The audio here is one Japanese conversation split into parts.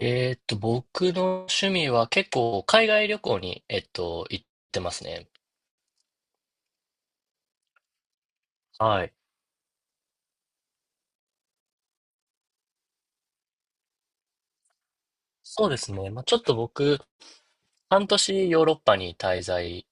僕の趣味は結構海外旅行に、行ってますね。はい。そうですね。まあ、ちょっと僕、半年ヨーロッパに滞在、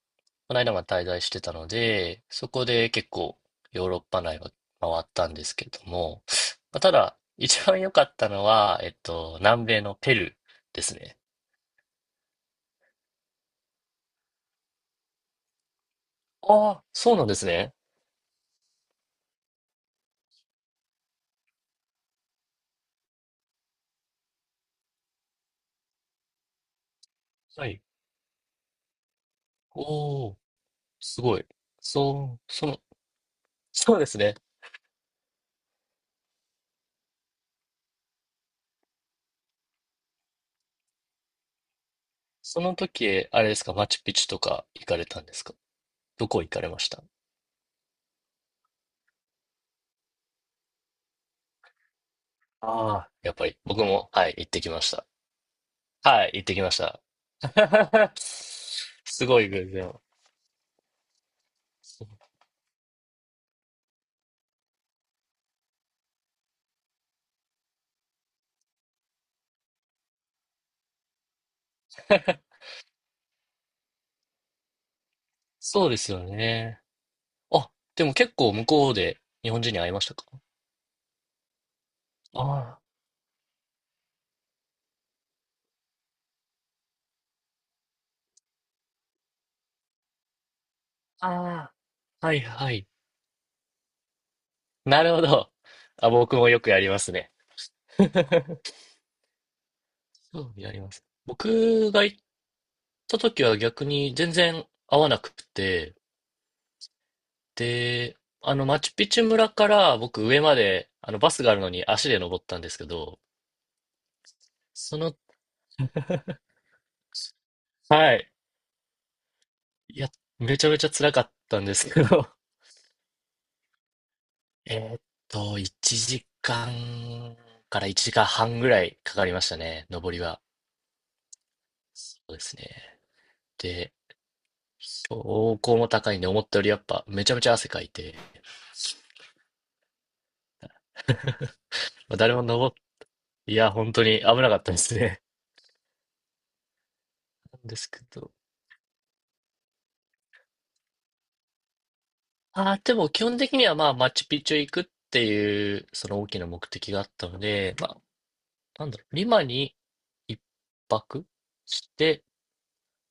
この間まで滞在してたので、そこで結構ヨーロッパ内は回ったんですけれども、まあ、ただ、一番良かったのは、南米のペルーですね。ああ、そうなんですね。はい。おおすごい。そう、その、そうですね。その時、あれですか、マチュピチュとか行かれたんですか？どこ行かれました？ああ、やっぱり、僕も、はい、行ってきました。はい、行ってきました。すごい偶然。そうですよね。あ、でも結構向こうで日本人に会いましたか？ああ、ああ、はいはい。なるほど。あ、僕もよくやりますね。そう、やります。僕が行った時は逆に全然会わなくて、で、あの、マチュピチュ村から僕上まで、あの、バスがあるのに足で登ったんですけど、その、はい。いや、めちゃめちゃ辛かったんですけど、えーっ1時間かんから1時間半ぐらいかかりましたね、登りは。そうですね。で、標高も高いんで、思ったよりやっぱめちゃめちゃ汗かいて、まあ誰も登っ、いや、本当に危なかったですね。なんですけど、ああ、でも基本的にはまあ、マチュピチュ行くっていう、その大きな目的があったので、まあ、なんだろう、リマに一泊して、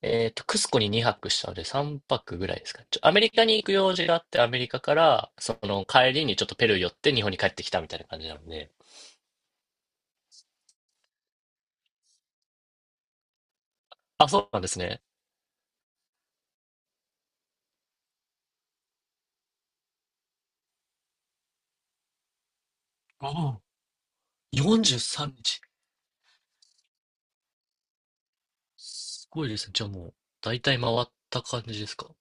クスコに2泊したので3泊ぐらいですか。ちょ、アメリカに行く用事があって、アメリカから、その帰りにちょっとペルー寄って日本に帰ってきたみたいな感じなので。あ、そうなんですね。ああ、43日。すごいですね。じゃあもう、だいたい回った感じですか。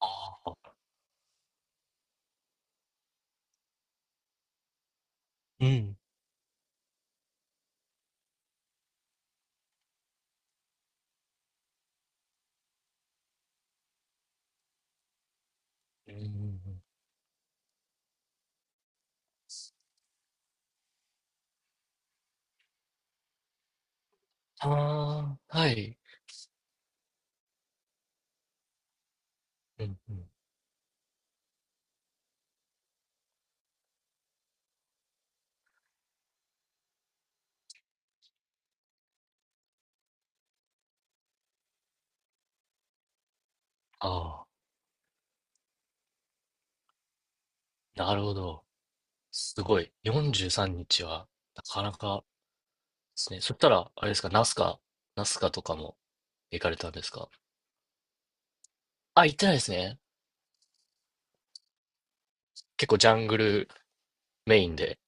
ああ、うん。うんうんうん。ああ、はい。うんうんああ、なるほど。すごい。43日は、なかなかですね。そしたら、あれですか、ナスカ、ナスカとかも行かれたんですか？あ、行ってないですね。結構ジャングルメインで。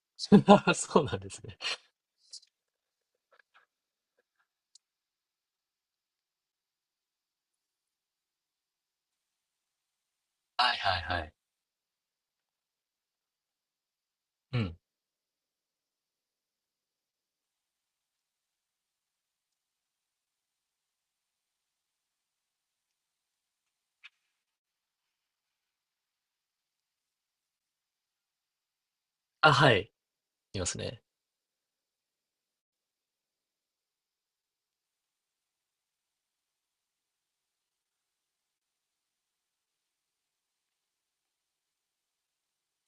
そうなんですね。はいはいはい。うん。あ、はい。いますね。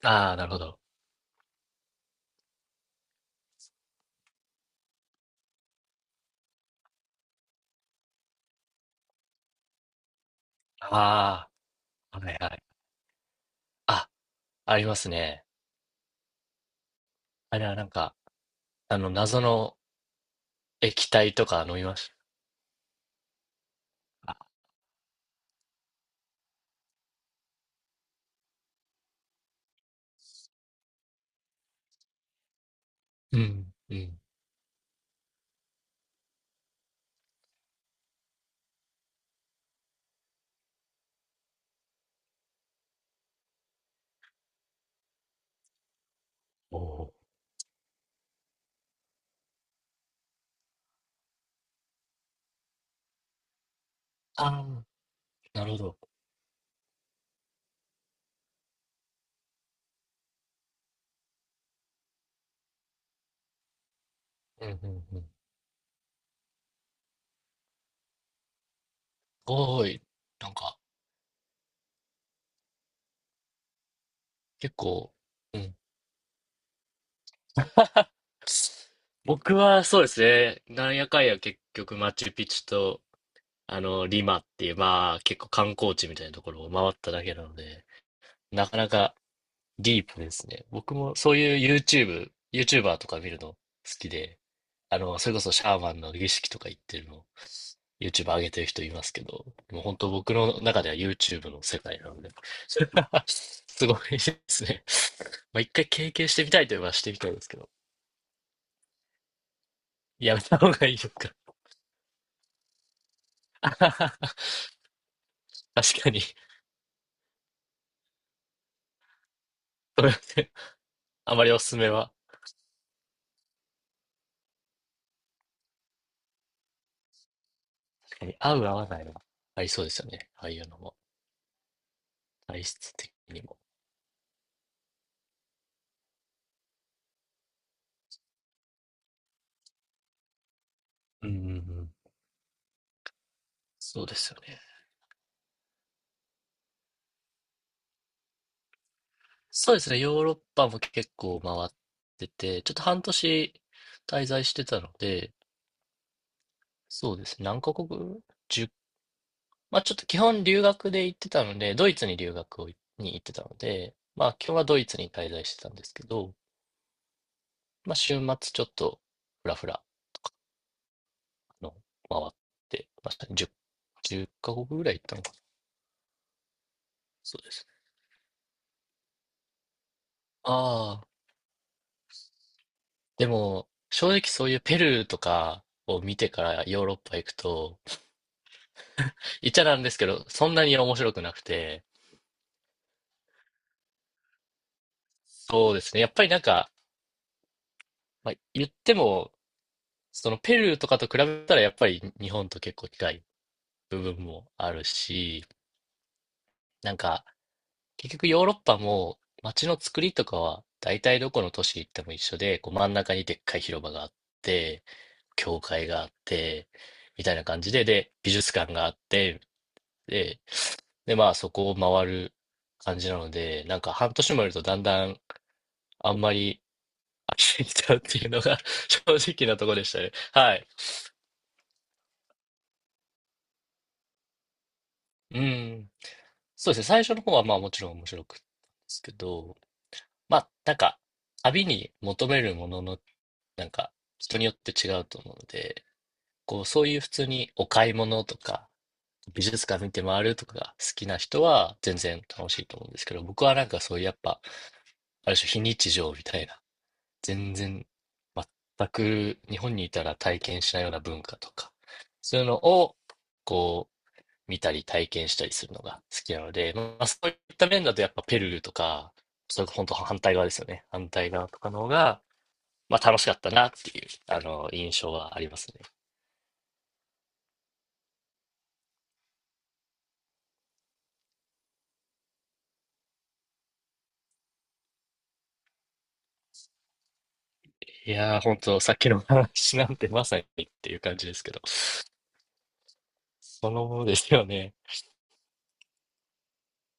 ああ、なるほど。ああ、はいはい。あ、ありますね。あれはなんか、あの、謎の液体とか飲みました。あうん、うん。おお。ああ、なるほど。うんうんうん。ごい。なんか、結構、うん。僕はそうですね、なんやかんや結局マチュピチュと、あの、リマっていう、まあ結構観光地みたいなところを回っただけなので、なかなかディープですね。僕もそういう YouTube、YouTuber とか見るの好きで、あの、それこそシャーマンの儀式とか行ってるの YouTube 上げてる人いますけど、もう本当僕の中では YouTube の世界なので、すごいですね。まあ一回経験してみたいといえばしてみたいですけど、やめた方がいいですか？ 確かに、すみません。あまりおすすめは、確かに合う合わないはありそうですよね。ああいうのも、体質的にも。うんうんうん。そうですよね。そうですね。ヨーロッパも結構回ってて、ちょっと半年滞在してたので、そうですね。何カ国？ 10、 まあちょっと基本留学で行ってたので、ドイツに留学をいに行ってたので、まあ今日はドイツに滞在してたんですけど、まあ週末ちょっとふらふらあの回ってましたね。10、じゅっカ国ぐらい行ったのかな。そうです。ああ、でも正直そういうペルーとかを見てからヨーロッパ行くと、言っちゃなんですけど、そんなに面白くなくて、そうですね。やっぱりなんか、まあ、言っても、そのペルーとかと比べたらやっぱり日本と結構近い部分もあるし、なんか、結局ヨーロッパも街の作りとかは大体どこの都市行っても一緒で、こう真ん中にでっかい広場があって、教会があって、みたいな感じで、で、美術館があって、で、で、まあそこを回る感じなので、なんか半年もいるとだんだんあんまり飽きてきちゃうっていうのが 正直なとこでしたね。はい。うん。そうですね。最初の方はまあもちろん面白くったですけど、まあ、なんか、旅に求めるものの、なんか、人によって違うと思うので、こう、そういう普通にお買い物とか、美術館見て回るとかが好きな人は全然楽しいと思うんですけど、僕はなんかそういうやっぱ、ある種非日常みたいな、全然、全く日本にいたら体験しないような文化とか、そういうのを、こう、見たり体験したりするのが好きなので、まあ、そういった面だとやっぱペルーとか、それこそ本当反対側ですよね。反対側とかの方が、まあ楽しかったなっていう、あの、印象はありますね。いやー、本当さっきの話なんてまさにっていう感じですけど、そのものですよね。